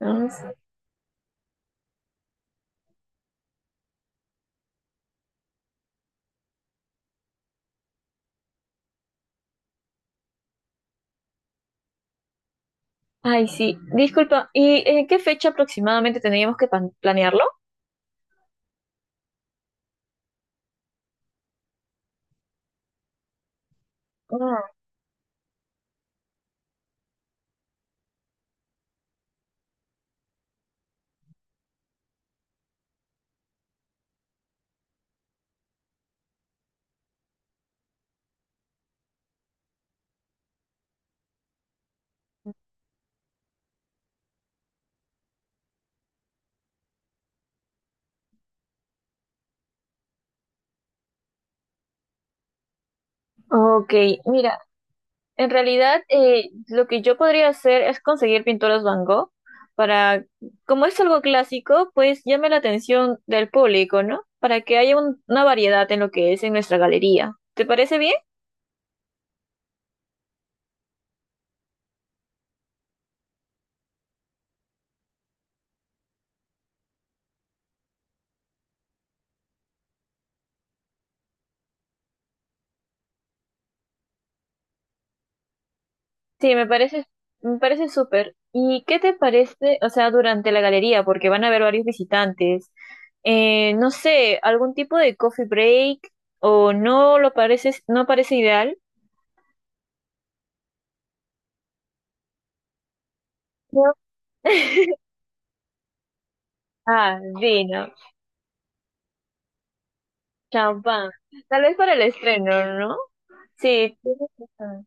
Ah, sí. Ay, sí. Disculpa, ¿y en qué fecha aproximadamente tendríamos que planearlo? Ah, ok, mira, en realidad lo que yo podría hacer es conseguir pinturas Van Gogh para, como es algo clásico, pues llame la atención del público, ¿no? Para que haya una variedad en lo que es en nuestra galería. ¿Te parece bien? Sí, me parece súper. ¿Y qué te parece, o sea, durante la galería? Porque van a haber varios visitantes. No sé, algún tipo de coffee break o no lo parece, no parece ideal. No. Ah, vino, champán. Tal vez para el estreno, ¿no? Sí, tienes razón.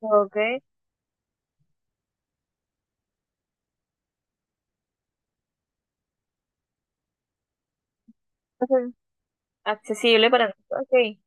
Ok. Entonces, accesible para nosotros. Ok.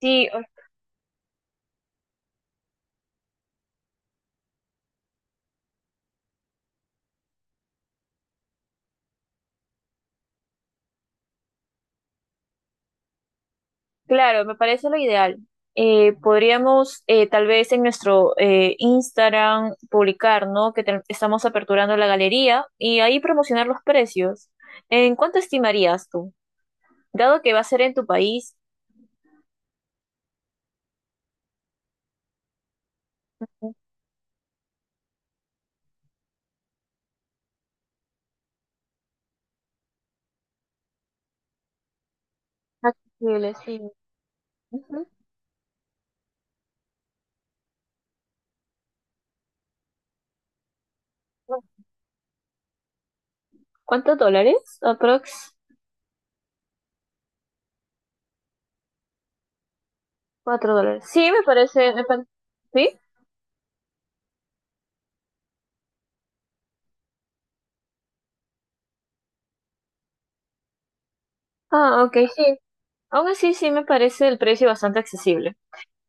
Sí, claro, me parece lo ideal. Podríamos tal vez en nuestro Instagram publicar, ¿no? Que estamos aperturando la galería y ahí promocionar los precios. ¿En cuánto estimarías tú? Dado que va a ser en tu país. Accesible, sí. Ujú. ¿Cuántos dólares? Aprox. 4 dólares. Sí, me parece. ¿Sí? Ah, ok, sí. Aún así, sí me parece el precio bastante accesible.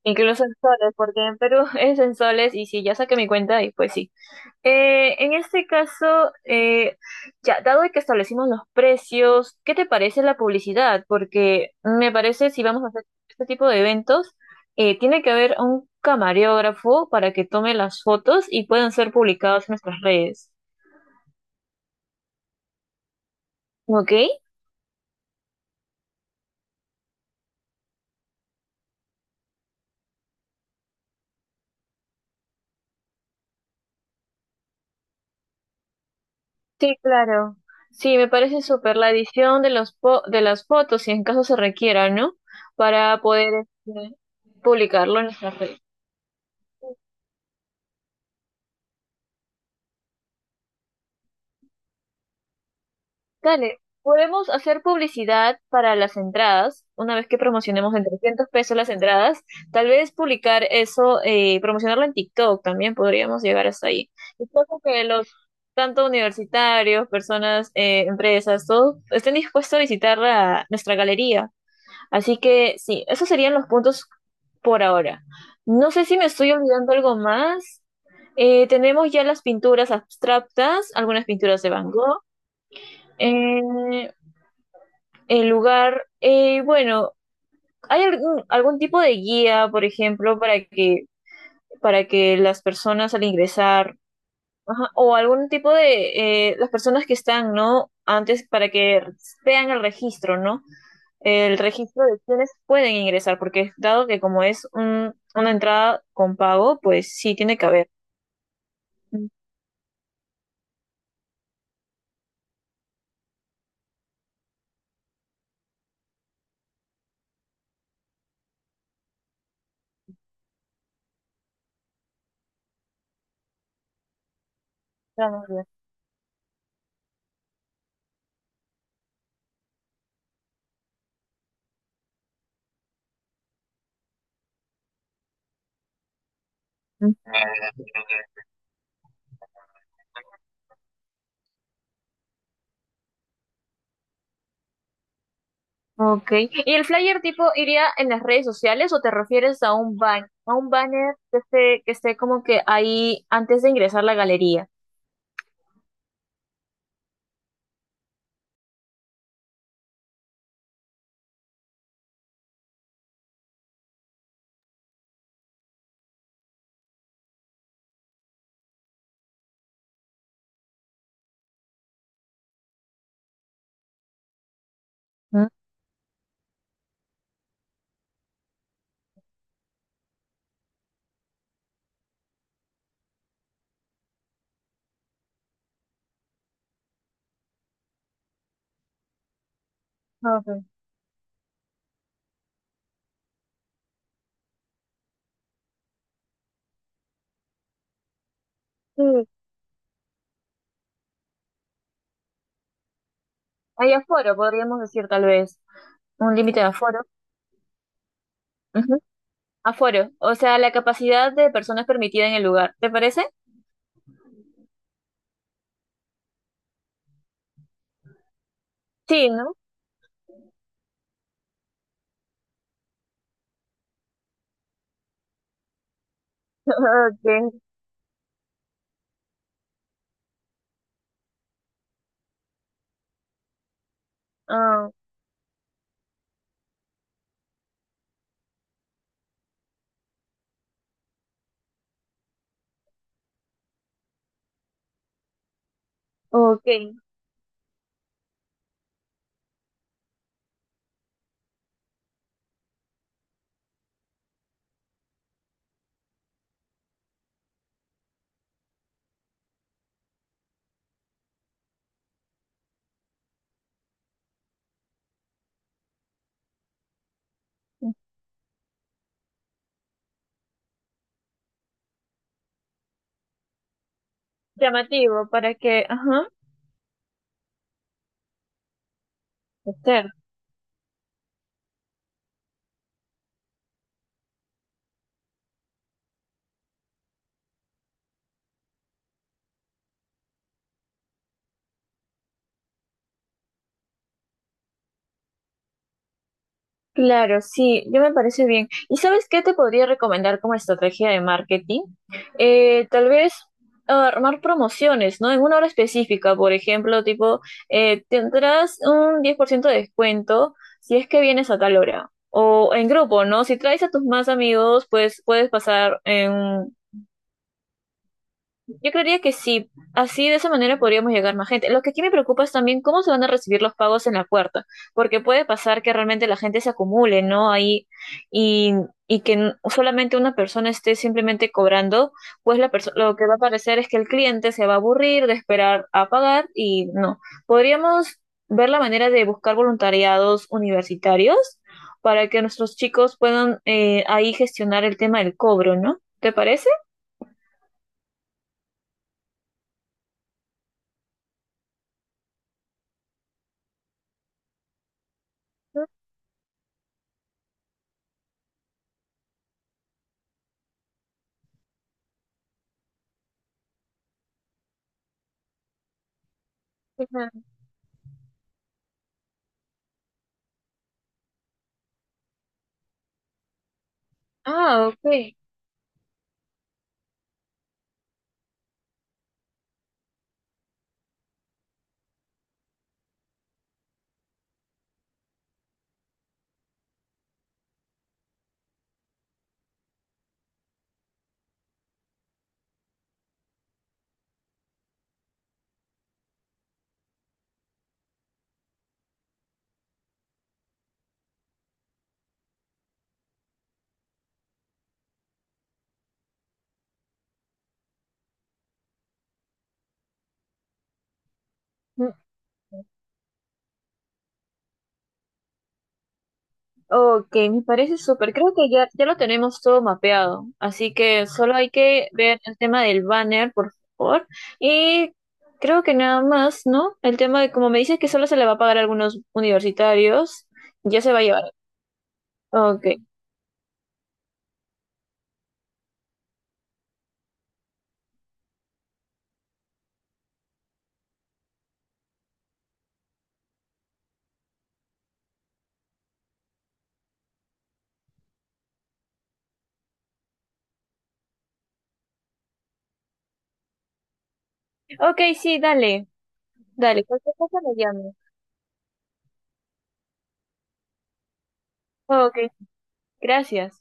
Incluso en soles, porque en Perú es en soles y si ya saqué mi cuenta y pues sí. En este caso, ya, dado que establecimos los precios, ¿qué te parece la publicidad? Porque me parece, si vamos a hacer este tipo de eventos, tiene que haber un camarógrafo para que tome las fotos y puedan ser publicadas en nuestras redes. ¿Ok? Sí, claro. Sí, me parece súper la edición de de las fotos, si en caso se requiera, ¿no? Para poder este, publicarlo en nuestras redes. Dale, podemos hacer publicidad para las entradas, una vez que promocionemos en 300 pesos las entradas, tal vez publicar eso, promocionarlo en TikTok también podríamos llegar hasta ahí. Y creo que los, tanto universitarios, personas, empresas, todos estén dispuestos a visitar nuestra galería. Así que sí, esos serían los puntos por ahora. No sé si me estoy olvidando algo más. Tenemos ya las pinturas abstractas, algunas pinturas de Van Gogh. Eh, el lugar, bueno, ¿hay algún, algún tipo de guía, por ejemplo, para que las personas al ingresar, ajá, o algún tipo de, las personas que están, ¿no? Antes para que vean el registro, ¿no? El registro de quienes pueden ingresar, porque dado que como es una entrada con pago, pues sí tiene que haber. Mm, claro, ya. Ok. ¿Y el flyer tipo iría en las redes sociales o te refieres a un banner que esté como que ahí antes de ingresar a la galería? Mm, ok. Sí, hay aforo, podríamos decir tal vez. Un límite de aforo. Ujú. Aforo, o sea, la capacidad de personas permitida en el lugar. ¿Te parece? Sí, ¿no? Ok. Ah, ok. Llamativo para que, ajá, claro, sí, yo me parece bien. ¿Y sabes qué te podría recomendar como estrategia de marketing? Tal vez armar promociones, ¿no? En una hora específica, por ejemplo, tipo, tendrás un 10% de descuento si es que vienes a tal hora. O en grupo, ¿no? Si traes a tus más amigos, pues puedes pasar en yo creería que sí, así de esa manera podríamos llegar más gente. Lo que aquí me preocupa es también cómo se van a recibir los pagos en la puerta, porque puede pasar que realmente la gente se acumule, ¿no? Ahí y, y que solamente una persona esté simplemente cobrando, pues lo que va a parecer es que el cliente se va a aburrir de esperar a pagar y no. Podríamos ver la manera de buscar voluntariados universitarios para que nuestros chicos puedan ahí gestionar el tema del cobro, ¿no? ¿Te parece? Ujú. Ah, ok. Mm, ok, me parece súper. Creo que ya, ya lo tenemos todo mapeado. Así que solo hay que ver el tema del banner, por favor. Y creo que nada más, ¿no? El tema de, como me dices que solo se le va a pagar a algunos universitarios, ya se va a llevar. Ok. Ok, sí, dale. Dale, cualquier cosa me llamas. Ok, gracias.